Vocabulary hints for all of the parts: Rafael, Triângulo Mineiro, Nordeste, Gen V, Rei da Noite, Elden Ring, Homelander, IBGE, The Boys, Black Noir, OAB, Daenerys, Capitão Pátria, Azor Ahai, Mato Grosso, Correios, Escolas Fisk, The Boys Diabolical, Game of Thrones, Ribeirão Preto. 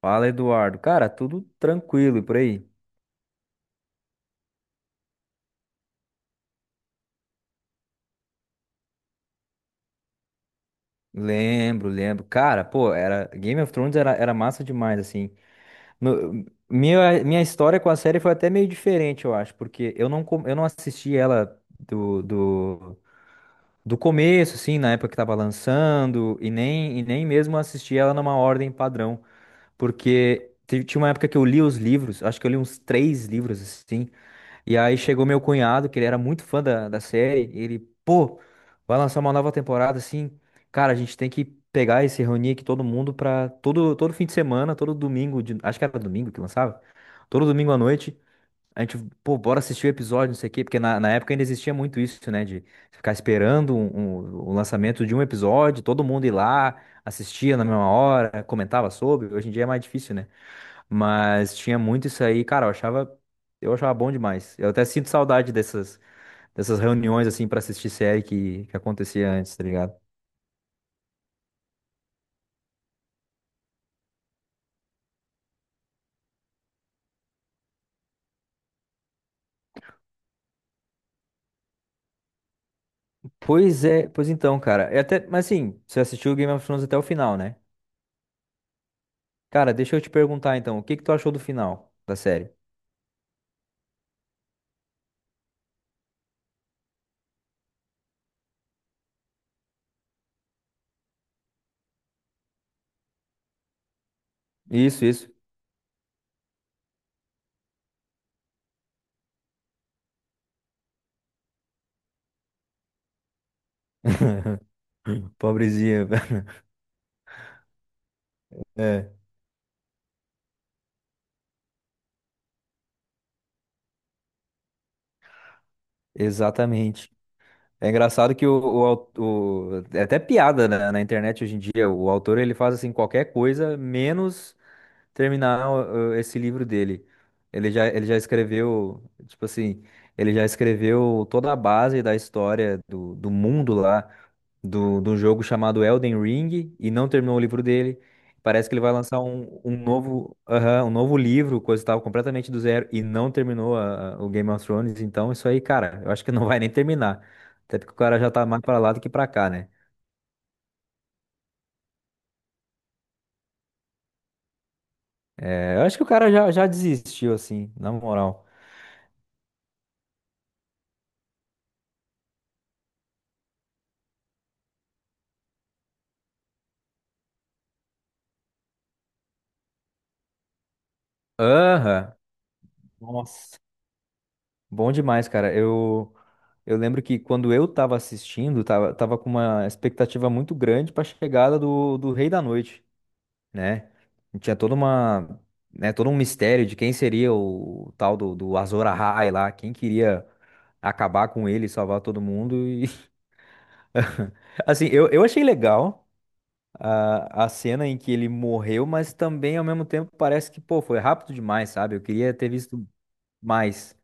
Fala, Eduardo. Cara, tudo tranquilo e por aí? Lembro, lembro. Cara, pô, era Game of Thrones era massa demais, assim. No- minha história com a série foi até meio diferente, eu acho, porque eu não assisti ela do começo, assim, na época que tava lançando, e nem mesmo assisti ela numa ordem padrão, porque tinha uma época que eu li os livros, acho que eu li uns três livros, assim. E aí chegou meu cunhado, que ele era muito fã da série, e ele, pô, vai lançar uma nova temporada assim. Cara, a gente tem que pegar e se reunir aqui todo mundo pra todo fim de semana, todo domingo, acho que era domingo que lançava, todo domingo à noite. A gente, pô, bora assistir o episódio, não sei o quê, porque na época ainda existia muito isso, né? De ficar esperando o lançamento de um episódio, todo mundo ir lá, assistia na mesma hora, comentava sobre. Hoje em dia é mais difícil, né? Mas tinha muito isso aí, cara, eu achava bom demais. Eu até sinto saudade dessas, dessas reuniões, assim, pra assistir série que acontecia antes, tá ligado? Pois é, pois então, cara. É até, mas assim, você assistiu Game of Thrones até o final, né? Cara, deixa eu te perguntar então, o que que tu achou do final da série? Isso, isso. Pobrezinha. É, exatamente. É engraçado que é até piada na internet hoje em dia. O autor ele faz assim qualquer coisa menos terminar esse livro dele. Ele já escreveu, tipo assim, ele já escreveu toda a base da história do mundo lá, do jogo chamado Elden Ring, e não terminou o livro dele. Parece que ele vai lançar um novo, aham, um novo livro, coisa e tal, completamente do zero, e não terminou o Game of Thrones. Então, isso aí, cara, eu acho que não vai nem terminar. Até porque o cara já tá mais pra lá do que pra cá, né? É, eu acho que o cara já desistiu, assim, na moral. Aham. Nossa. Bom demais, cara. Eu lembro que quando eu tava assistindo, tava com uma expectativa muito grande pra chegada do Rei da Noite, né? E tinha toda uma, né, todo um mistério de quem seria o tal do Azor Ahai lá, quem queria acabar com ele, salvar todo mundo. E assim, eu achei legal a cena em que ele morreu, mas também ao mesmo tempo parece que, pô, foi rápido demais, sabe? Eu queria ter visto mais.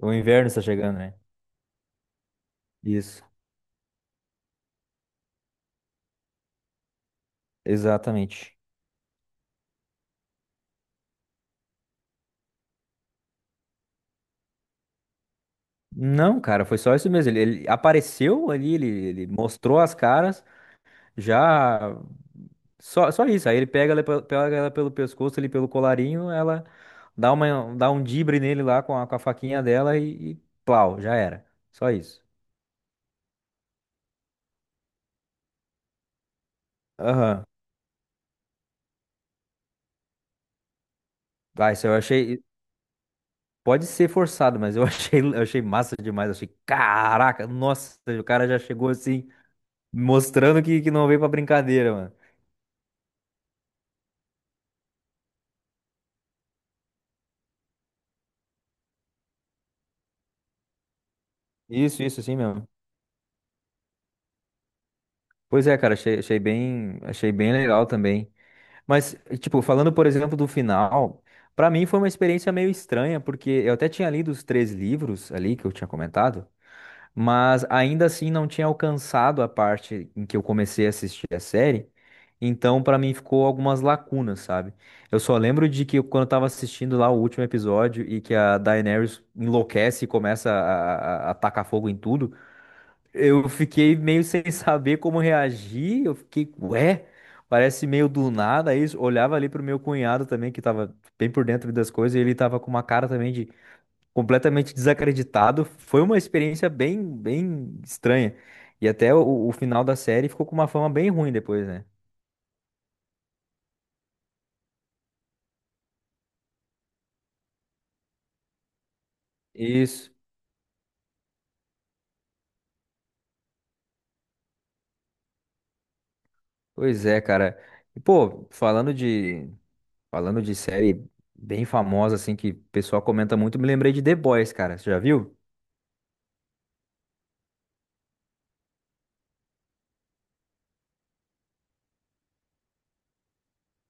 O inverno está chegando, né? Isso. Exatamente. Não, cara, foi só isso mesmo. Ele apareceu ali, ele mostrou as caras, já. Só, só isso. Aí ele pega ela, pega ela pelo pescoço, ali pelo colarinho, ela dá um dibre nele lá com a faquinha dela e plau, já era. Só isso. Aham. Ah, isso eu achei. Pode ser forçado, mas eu achei, eu achei massa demais. Eu achei, caraca, nossa, o cara já chegou assim, mostrando que não veio pra brincadeira, mano. Isso, assim mesmo. Pois é, cara, achei bem legal também. Mas, tipo, falando, por exemplo, do final, pra mim foi uma experiência meio estranha, porque eu até tinha lido os três livros ali que eu tinha comentado, mas ainda assim não tinha alcançado a parte em que eu comecei a assistir a série. Então, pra mim ficou algumas lacunas, sabe? Eu só lembro de que quando eu tava assistindo lá o último episódio e que a Daenerys enlouquece e começa a tacar fogo em tudo, eu fiquei meio sem saber como reagir. Eu fiquei, ué, parece meio do nada isso. Olhava ali pro meu cunhado também, que tava bem por dentro das coisas, e ele tava com uma cara também de completamente desacreditado. Foi uma experiência bem estranha. E até o final da série ficou com uma fama bem ruim depois, né? Isso. Pois é, cara. E, pô, falando de série bem famosa, assim, que o pessoal comenta muito, me lembrei de The Boys, cara. Você já viu?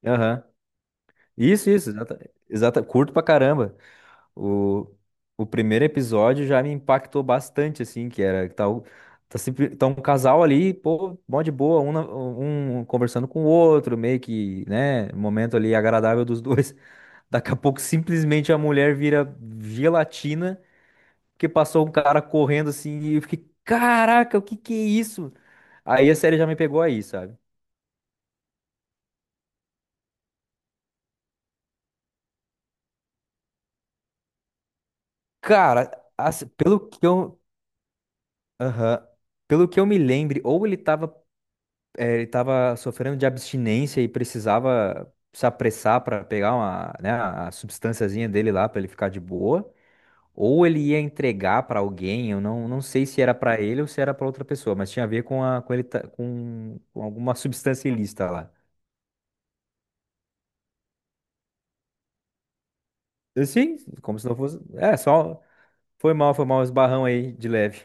Aham. Exata, curto pra caramba. O, o primeiro episódio já me impactou bastante, assim, que era, que tá, tá, sempre, tá um casal ali, pô, mó de boa, um, um conversando com o outro, meio que, né, momento ali agradável dos dois. Daqui a pouco, simplesmente, a mulher vira gelatina, porque passou um cara correndo, assim, e eu fiquei, caraca, o que que é isso? Aí a série já me pegou aí, sabe? Cara, assim, pelo que eu... Aham. Pelo que eu me lembro, ou ele tava ele estava sofrendo de abstinência e precisava se apressar para pegar uma, né, a substânciazinha dele lá para ele ficar de boa. Ou ele ia entregar para alguém, eu não sei se era para ele ou se era para outra pessoa, mas tinha a ver com, a, com com alguma substância ilícita lá. Assim, como se não fosse. É, só. Foi mal, um esbarrão aí de leve.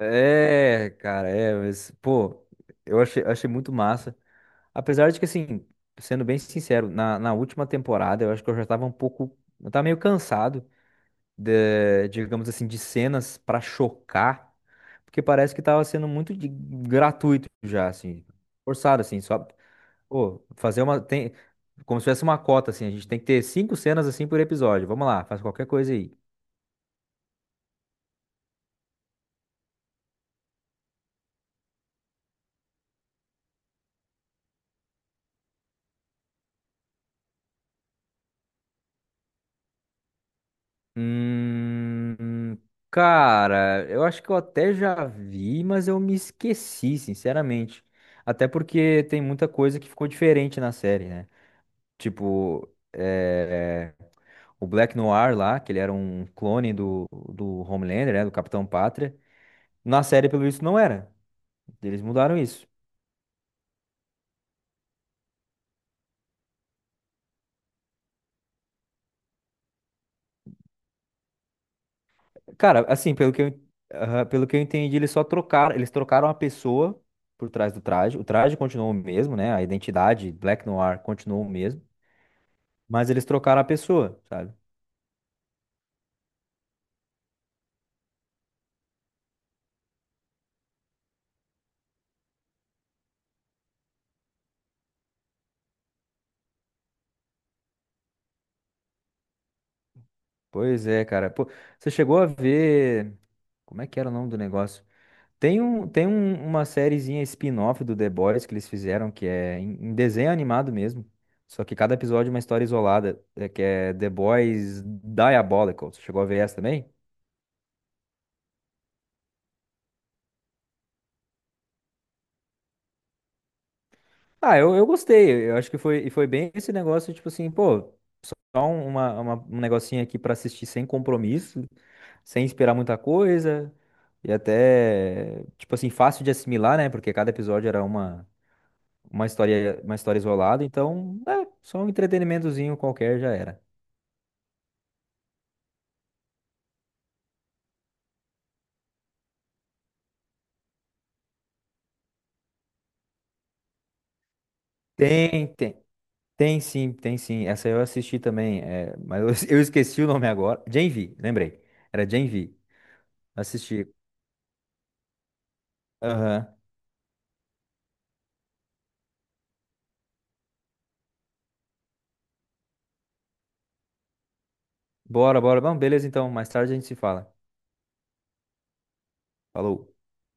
É, cara, é, mas, pô, eu achei, achei muito massa. Apesar de que, assim, sendo bem sincero, na última temporada eu acho que eu já tava um pouco. Eu tava meio cansado de, digamos assim, de cenas pra chocar, porque parece que tava sendo muito gratuito já, assim, forçado, assim, só. Pô, fazer uma. Tem, como se tivesse uma cota, assim, a gente tem que ter 5 cenas assim por episódio. Vamos lá, faz qualquer coisa aí. Hum, cara, eu acho que eu até já vi, mas eu me esqueci, sinceramente. Até porque tem muita coisa que ficou diferente na série, né? Tipo, é, o Black Noir lá, que ele era um clone do Homelander, né? Do Capitão Pátria. Na série, pelo visto, não era. Eles mudaram isso. Cara, assim, pelo que eu, aham, pelo que eu entendi, eles trocaram a pessoa por trás do traje. O traje continuou o mesmo, né? A identidade Black Noir continuou o mesmo. Mas eles trocaram a pessoa, sabe? Pois é, cara. Pô, você chegou a ver. Como é que era o nome do negócio? Tem, um, uma sériezinha spin-off do The Boys que eles fizeram, que é em, em desenho animado mesmo. Só que cada episódio é uma história isolada, é, que é The Boys Diabolical. Você chegou a ver essa também? Ah, eu gostei. Eu acho que foi, e foi bem esse negócio, tipo assim, pô, só um negocinho aqui pra assistir sem compromisso, sem esperar muita coisa e até, tipo assim, fácil de assimilar, né? Porque cada episódio era uma, uma história isolada, então, é, só um entretenimentozinho qualquer já era. Tem, tem, tem sim, tem sim. Essa eu assisti também, é, mas eu eu esqueci o nome agora. Gen V, lembrei. Era Gen V. Assisti. Aham. Bora, bora. Vamos, beleza então. Mais tarde a gente se fala. Falou.